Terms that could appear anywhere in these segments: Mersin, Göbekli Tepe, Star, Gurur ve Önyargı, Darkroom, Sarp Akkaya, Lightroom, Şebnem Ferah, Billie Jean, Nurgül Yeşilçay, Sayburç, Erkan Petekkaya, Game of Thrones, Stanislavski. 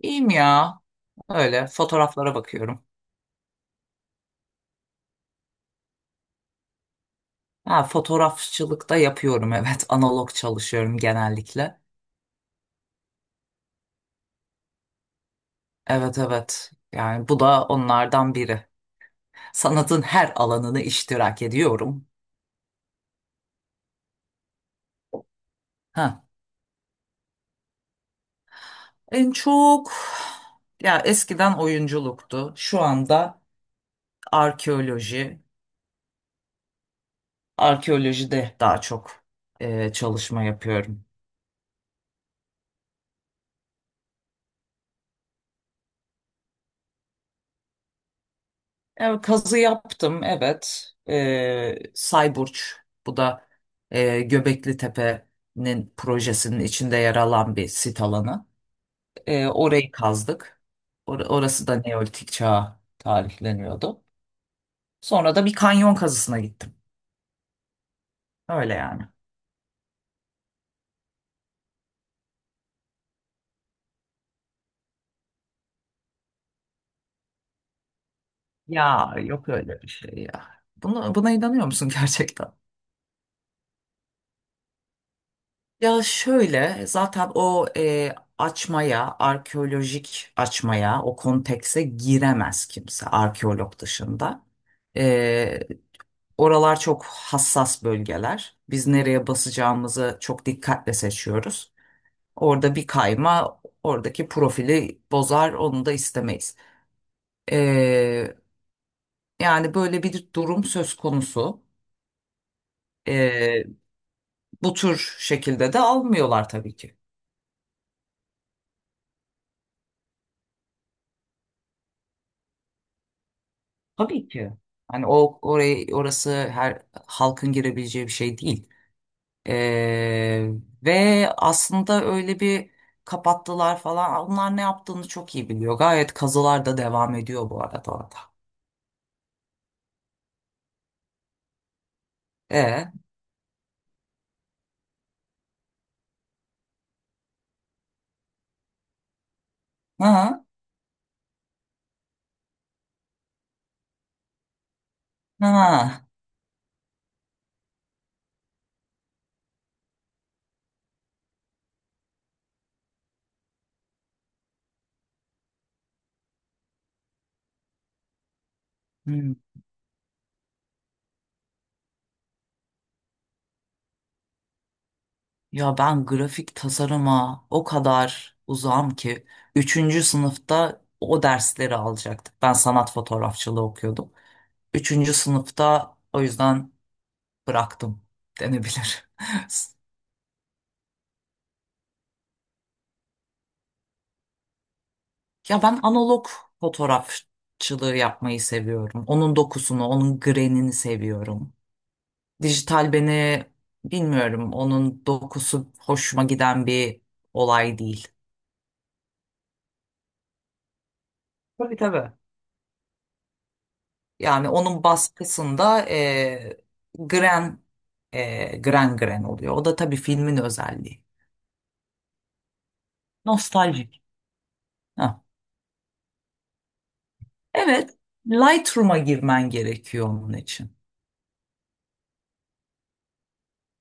İyiyim ya. Öyle fotoğraflara bakıyorum. Ha, fotoğrafçılık da yapıyorum evet. Analog çalışıyorum genellikle. Evet evet. Yani bu da onlardan biri. Sanatın her alanını iştirak ediyorum. Ha. En çok ya eskiden oyunculuktu. Şu anda arkeoloji. Arkeolojide daha çok çalışma yapıyorum. Evet, kazı yaptım evet. Sayburç bu da Göbekli Tepe'nin projesinin içinde yer alan bir sit alanı. Orayı kazdık. Orası da Neolitik çağa tarihleniyordu. Sonra da bir kanyon kazısına gittim. Öyle yani. Ya yok öyle bir şey ya. Buna inanıyor musun gerçekten? Ya şöyle zaten o açmaya, arkeolojik açmaya, o kontekse giremez kimse arkeolog dışında. E, Oralar çok hassas bölgeler. Biz nereye basacağımızı çok dikkatle seçiyoruz. Orada bir kayma oradaki profili bozar, onu da istemeyiz. E, yani böyle bir durum söz konusu. E, bu tür şekilde de almıyorlar tabii ki. Tabii ki. Hani o orayı orası her halkın girebileceği bir şey değil. Ee, ve aslında öyle bir kapattılar falan. Onlar ne yaptığını çok iyi biliyor. Gayet kazılar da devam ediyor bu arada orada. E, ha, ha. Hmm. Ya ben grafik tasarıma o kadar uzağım ki. Üçüncü sınıfta o dersleri alacaktık. Ben sanat fotoğrafçılığı okuyordum. Üçüncü sınıfta o yüzden bıraktım denebilir. Ya ben analog fotoğrafçılığı yapmayı seviyorum. Onun dokusunu, onun grenini seviyorum. Dijital beni bilmiyorum. Onun dokusu hoşuma giden bir olay değil. Tabii tabii. Yani onun baskısında gren gren gren oluyor. O da tabii filmin özelliği. Nostaljik. Ha. Evet, Lightroom'a girmen gerekiyor onun için.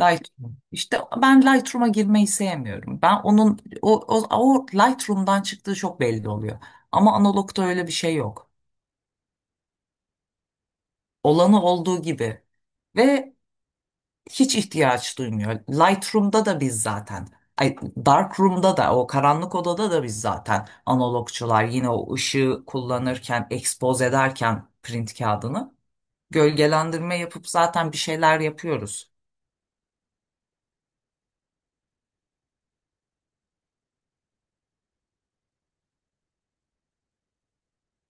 Lightroom. İşte ben Lightroom'a girmeyi sevmiyorum. Ben onun o Lightroom'dan çıktığı çok belli oluyor. Ama analogta öyle bir şey yok. Olanı olduğu gibi ve hiç ihtiyaç duymuyor. Lightroom'da da biz zaten Ay, Darkroom'da da o karanlık odada da biz zaten analogçular yine o ışığı kullanırken expose ederken print kağıdını gölgelendirme yapıp zaten bir şeyler yapıyoruz.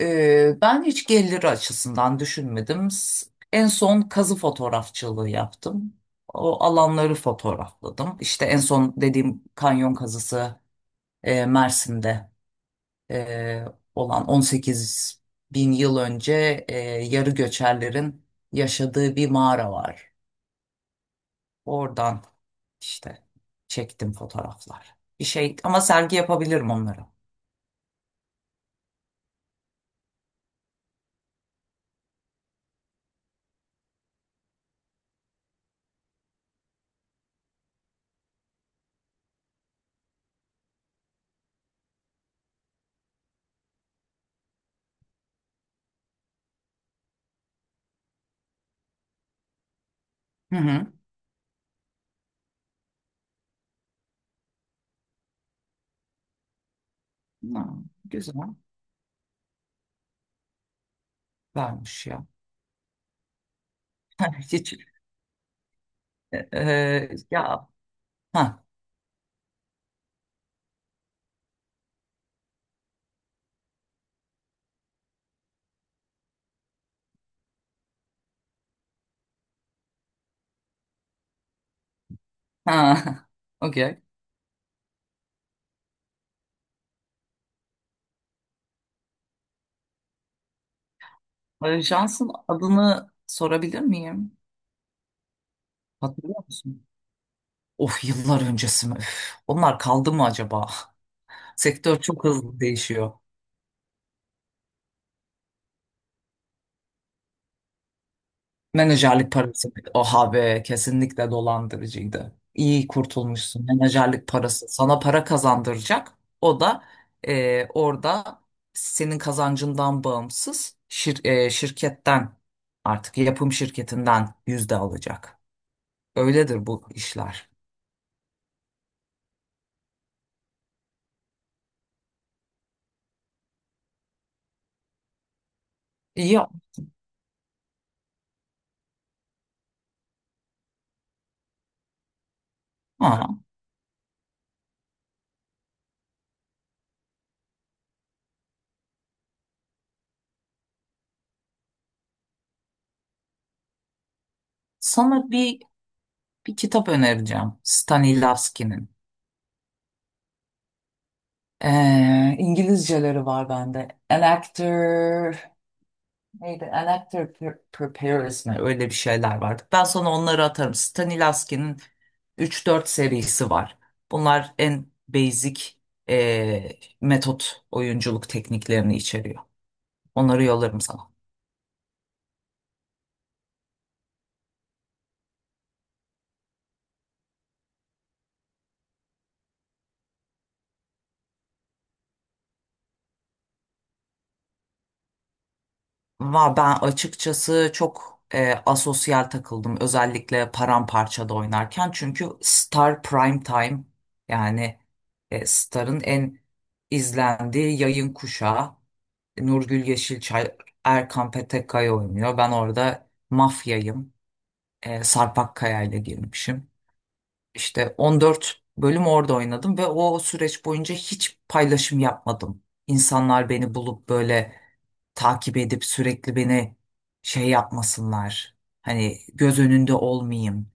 Ben hiç gelir açısından düşünmedim. En son kazı fotoğrafçılığı yaptım. O alanları fotoğrafladım. İşte en son dediğim kanyon kazısı Mersin'de e, olan 18 bin yıl önce yarı göçerlerin yaşadığı bir mağara var. Oradan işte çektim fotoğraflar. Bir şey ama sergi yapabilirim onları. Hı hı. Ha, güzel. Vermiş ya. Hiç. Ya, ha, ha, okey. Jans'ın adını sorabilir miyim? Hatırlıyor musun? Of, yıllar öncesi mi? Üf, onlar kaldı mı acaba? Sektör çok hızlı değişiyor. Menajerlik parası. Oha be, kesinlikle dolandırıcıydı. İyi kurtulmuşsun. Menajerlik parası sana para kazandıracak. O da orada senin kazancından bağımsız şirketten, artık yapım şirketinden yüzde alacak. Öyledir bu işler. Ya ha, sana bir kitap önereceğim. Stanislavski'nin. İngilizceleri var bende. An Actor neydi? An Actor Prepares mi? Öyle bir şeyler vardı. Ben sana onları atarım. Stanislavski'nin üç dört serisi var. Bunlar en basic ee, metot oyunculuk tekniklerini içeriyor. Onları yollarım sana. Va ben açıkçası çok asosyal takıldım, özellikle paramparçada oynarken. Çünkü Star Prime Time, yani Star'ın en izlendiği yayın kuşağı. Nurgül Yeşilçay, Erkan Petekkaya oynuyor. Ben orada mafyayım. Sarp Akkaya ile girmişim. İşte 14 bölüm orada oynadım ve o süreç boyunca hiç paylaşım yapmadım. İnsanlar beni bulup böyle takip edip sürekli beni şey yapmasınlar. Hani göz önünde olmayayım.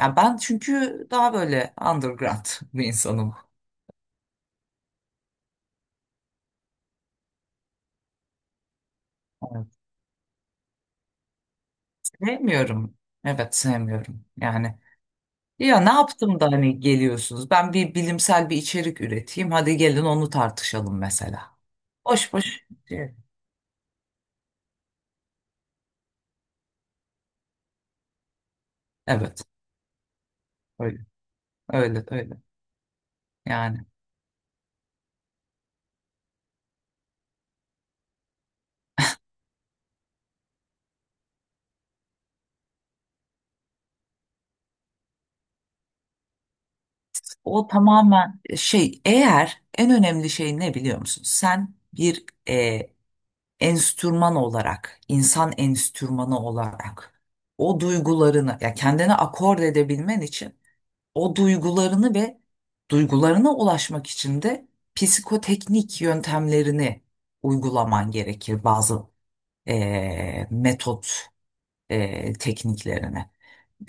Ya ben çünkü daha böyle underground bir insanım. Evet, sevmiyorum. Evet, sevmiyorum. Yani ya ne yaptım da hani geliyorsunuz? Ben bir bilimsel bir içerik üreteyim. Hadi gelin onu tartışalım mesela. Boş boş. Şey. Evet. Öyle. Öyle öyle. Yani o tamamen şey, eğer en önemli şey ne biliyor musun? Sen bir enstrüman olarak, insan enstrümanı olarak o duygularını ya kendine akord edebilmen için, o duygularını ve duygularına ulaşmak için de psikoteknik yöntemlerini uygulaman gerekir, bazı metot tekniklerini.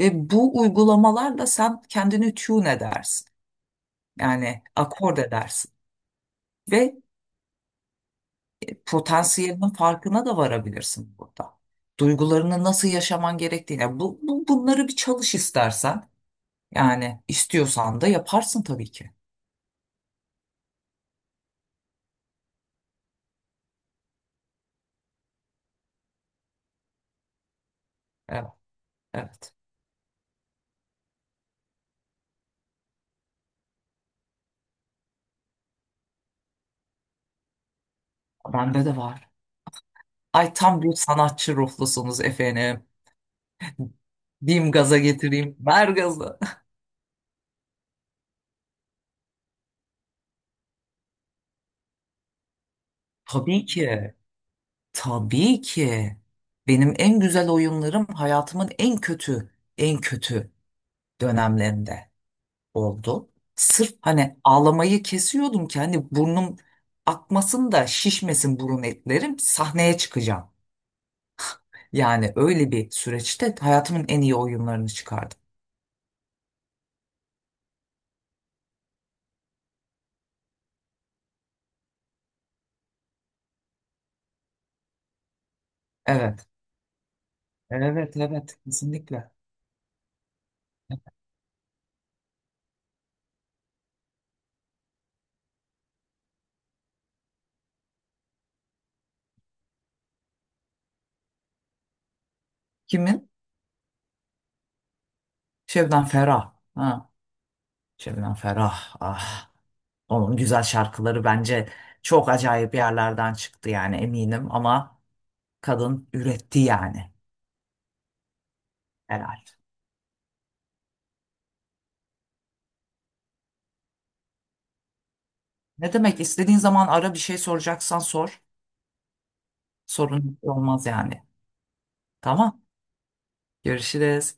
Ve bu uygulamalarla sen kendini tune edersin. Yani akord edersin. Ve potansiyelinin farkına da varabilirsin burada. Duygularını nasıl yaşaman gerektiğine. Bunları bir çalış istersen. Yani istiyorsan da yaparsın tabii ki. Evet, evet. Bende de var. Ay, tam bir sanatçı ruhlusunuz efendim. Diyeyim gaza getireyim. Ver gazı. Tabii ki. Tabii ki. Benim en güzel oyunlarım hayatımın en kötü, en kötü dönemlerinde oldu. Sırf hani ağlamayı kesiyordum ki, hani burnum akmasın da şişmesin, burun etlerim sahneye çıkacağım. Yani öyle bir süreçte hayatımın en iyi oyunlarını çıkardım. Evet, evet, evet, kesinlikle. Kimin? Şebnem Ferah. Ha, Şebnem Ferah. Ah, onun güzel şarkıları bence çok acayip yerlerden çıktı yani, eminim, ama kadın üretti yani herhalde. Ne demek, istediğin zaman ara, bir şey soracaksan sor. Sorun olmaz yani. Tamam. Görüşürüz.